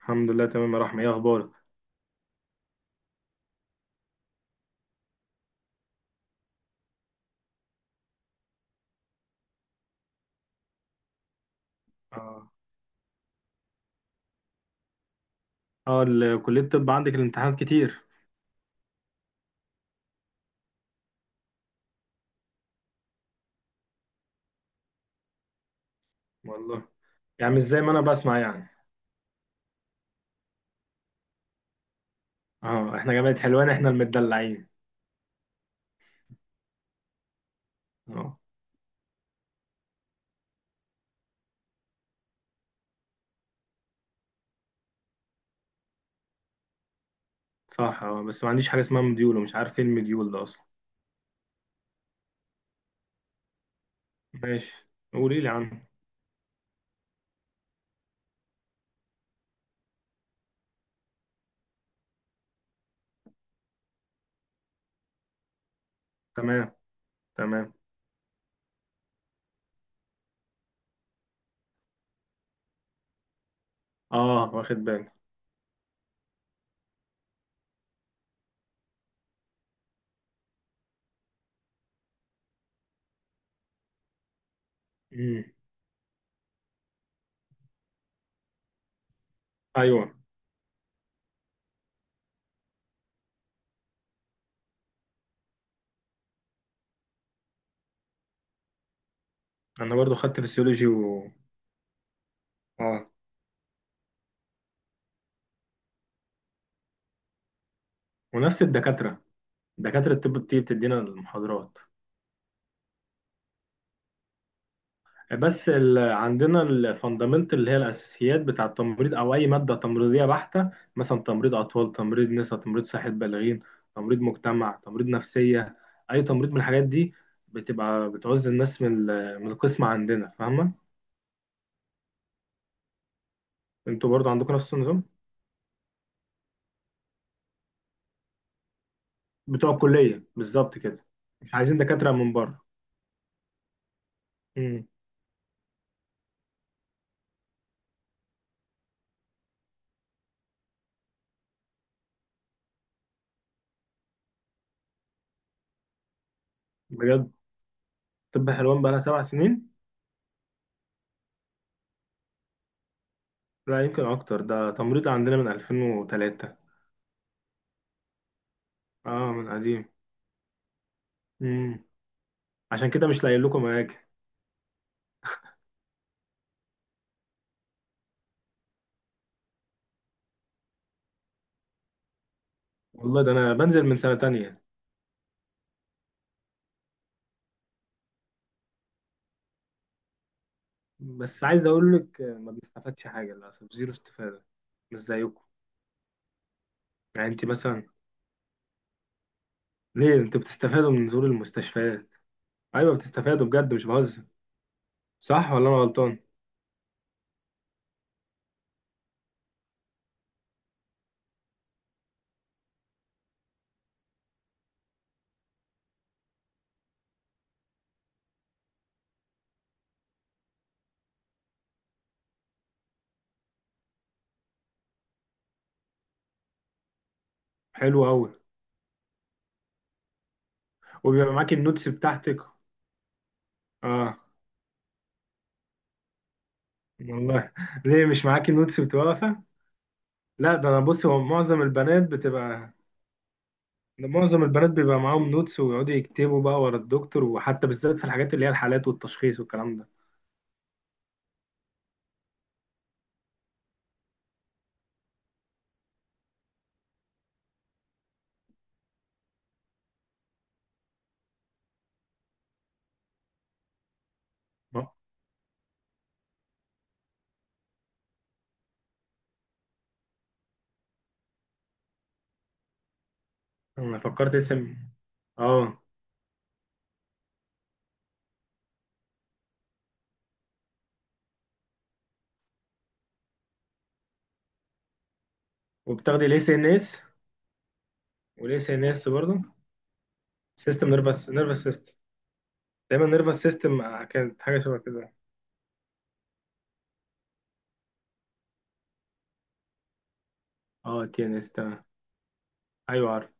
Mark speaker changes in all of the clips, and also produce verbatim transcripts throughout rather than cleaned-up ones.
Speaker 1: الحمد لله تمام يا رحمة، ايه اخبارك؟ اه اه ال- كلية الطب عندك الامتحانات كتير؟ والله يعني مش زي ما انا بسمع يعني. اه احنا جامعة حلوان احنا المدلعين. اه صح، اه بس ما عنديش حاجة اسمها مديول ومش عارف ايه المديول ده اصلا. ماشي قولي لي عنه. تمام. تمام. اه واخد بالي. امم. ايوه انا برضو خدت فسيولوجي و اه ونفس الدكاترة، دكاترة الطب بتيجي بتدينا المحاضرات. بس ال... عندنا الفاندامنتال اللي هي الاساسيات بتاع التمريض او اي ماده تمريضيه بحته. مثلا تمريض اطفال، تمريض نساء، تمريض صحه بالغين، تمريض مجتمع، تمريض نفسيه، اي تمريض من الحاجات دي بتبقى بتعوز الناس من ال... من القسم عندنا، فاهمه؟ انتوا برضو عندكم نفس النظام بتوع الكليه بالظبط كده، مش عايزين دكاتره من بره. امم. بجد؟ طب حلوان بقى لها سبع سنين؟ لا يمكن اكتر، ده تمريض عندنا من ألفين وثلاثة. اه من قديم. امم. عشان كده مش لاقي لكم اماكن. والله ده انا بنزل من سنة تانية. بس عايز اقول لك ما بنستفادش حاجة للاسف، زيرو استفادة، مش زيكم. يعني انت مثلا، ليه انت بتستفادوا من نزول المستشفيات؟ ايوه بتستفادوا بجد مش بهزر، صح ولا انا غلطان؟ حلو قوي. وبيبقى معاك النوتس بتاعتك؟ اه. والله ليه مش معاك النوتس بتبقى واقفة؟ لا ده انا بص، هو معظم البنات بتبقى، ده معظم البنات بيبقى معاهم نوتس ويقعدوا يكتبوا بقى ورا الدكتور، وحتى بالذات في الحاجات اللي هي الحالات والتشخيص والكلام ده. ما- انا فكرت اسم. اه. وبتاخدي الاي سي ان اس؟ والاي سي ان اس برضه، سيستم نيرفس نيرفس سيستم. دايما نيرفس سيستم كانت حاجه شبه كده. اه تي ان اس، تمام. ايوه عارف.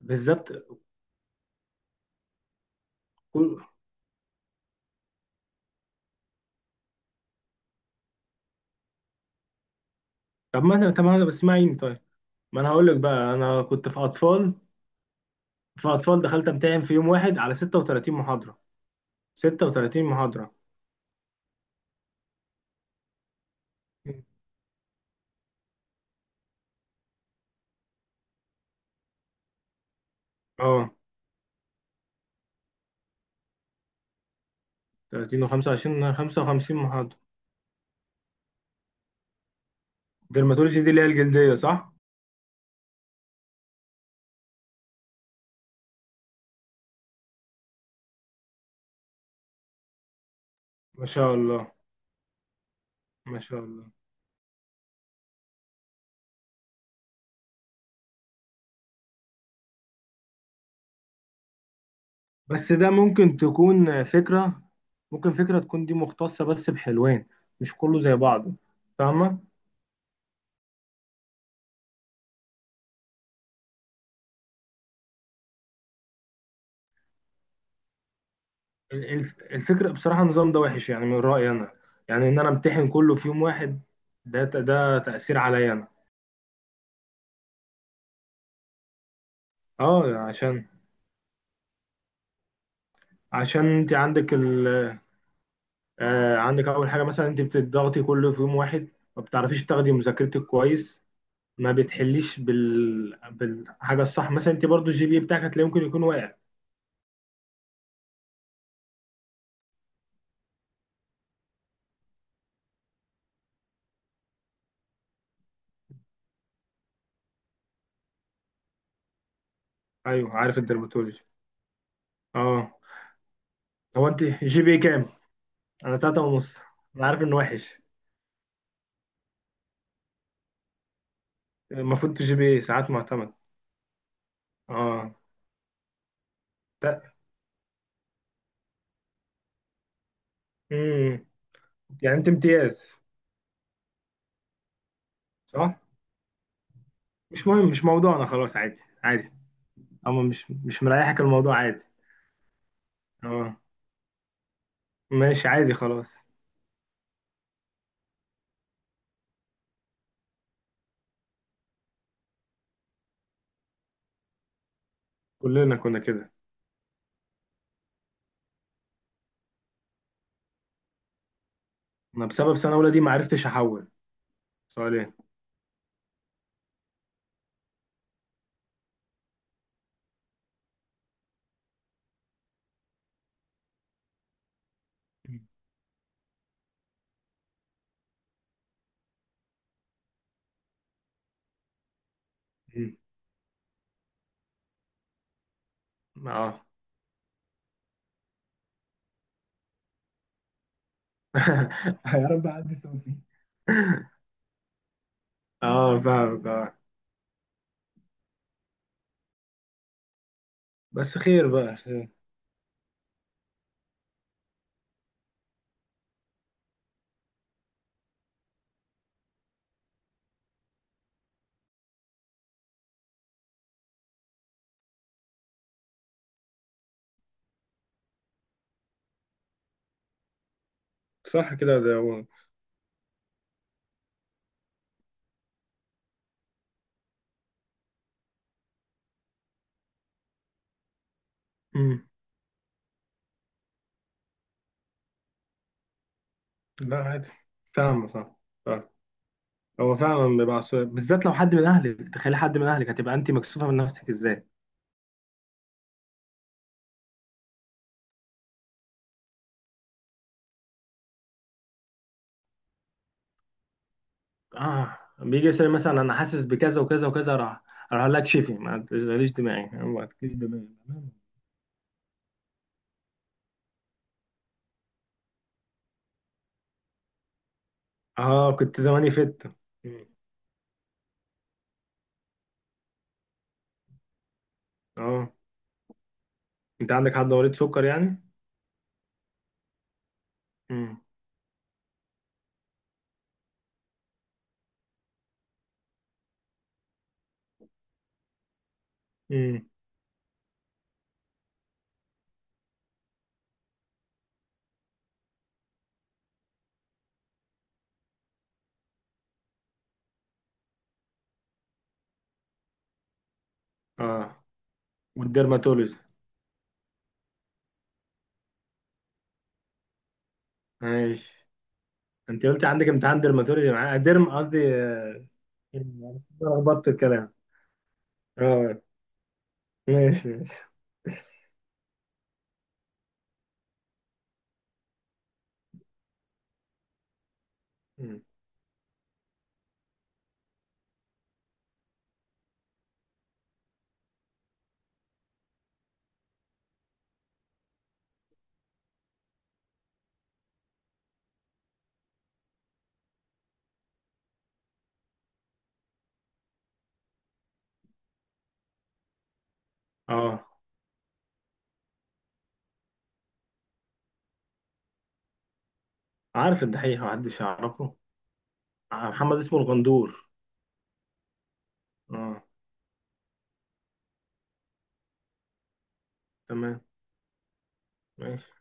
Speaker 1: بالظبط. كل- طب ما انا طب ما انا اسمعيني طيب، ما انا هقول لك بقى، انا كنت في اطفال. في اطفال دخلت امتحن في يوم واحد على ستة وتلاتين محاضره. ستة وتلاتين محاضره. اه. تلاتين و25، خمسة وخمسين محاضره. ديرماتولوجي دي اللي هي الجلديه صح؟ ما شاء الله. ما شاء الله. بس ده ممكن تكون فكرة، ممكن فكرة تكون دي مختصة بس بحلوان، مش كله زي بعضه، فاهمة؟ ال- الف- الفكرة بصراحة النظام ده وحش يعني من رأيي أنا، يعني إن أنا أمتحن كله في يوم واحد، ده ده تأثير عليا أنا. أه عشان، عشان أنت عندك ال، آه عندك أول حاجة مثلا أنت بتضغطي كله في يوم واحد، ما بتعرفيش تاخدي مذاكرتك كويس، ما بتحليش بال بالحاجة الصح، مثلا أنت برضو الجي بي إيه بتاعك هتلاقي ممكن يكون واقع. أيوه عارف الدرماتولوجي. أه. هو انت جي بي كام؟ انا تلاتة ونص. انا عارف انه وحش، المفروض تجي بي ساعات معتمد. اه. تا- امم. يعني انت امتياز صح؟ مش مهم مش موضوعنا خلاص، عادي عادي. اما مش مش مريحك الموضوع عادي. اه ماشي عادي خلاص. كلنا كنا كده. انا بسبب سنة اولى دي ما عرفتش احول سؤالين. مم. اه. يا رب عندي صوفي. اه فاهمك اه. بس خير بقى خير. صح كده ده هو. مم. لا عادي، فاهم صح. هو فعلا بيبقى عصبي بالذات لو حد من اهلك، تخيل حد من اهلك، هتبقى انت مكسوفه من نفسك ازاي. اه بيجي يسأل مثلا انا حاسس بكذا وكذا وكذا، راح راح أقول لك شفي ما تشغليش دماغي ما تشغليش دماغي. اه كنت زماني فت. مم. اه انت عندك حد مريض سكر يعني؟ امم. امم. اه والديرماتولوجي. ماشي. انت قلت عندك امتحان ديرماتولوجي معاه، ديرم قصدي آه، أنا لخبطت الكلام. اه ماشي ماشي. مم. اه. عارف الدحيح، محدش يعرفه. آه، محمد اسمه الغندور. اه تمام ماشي.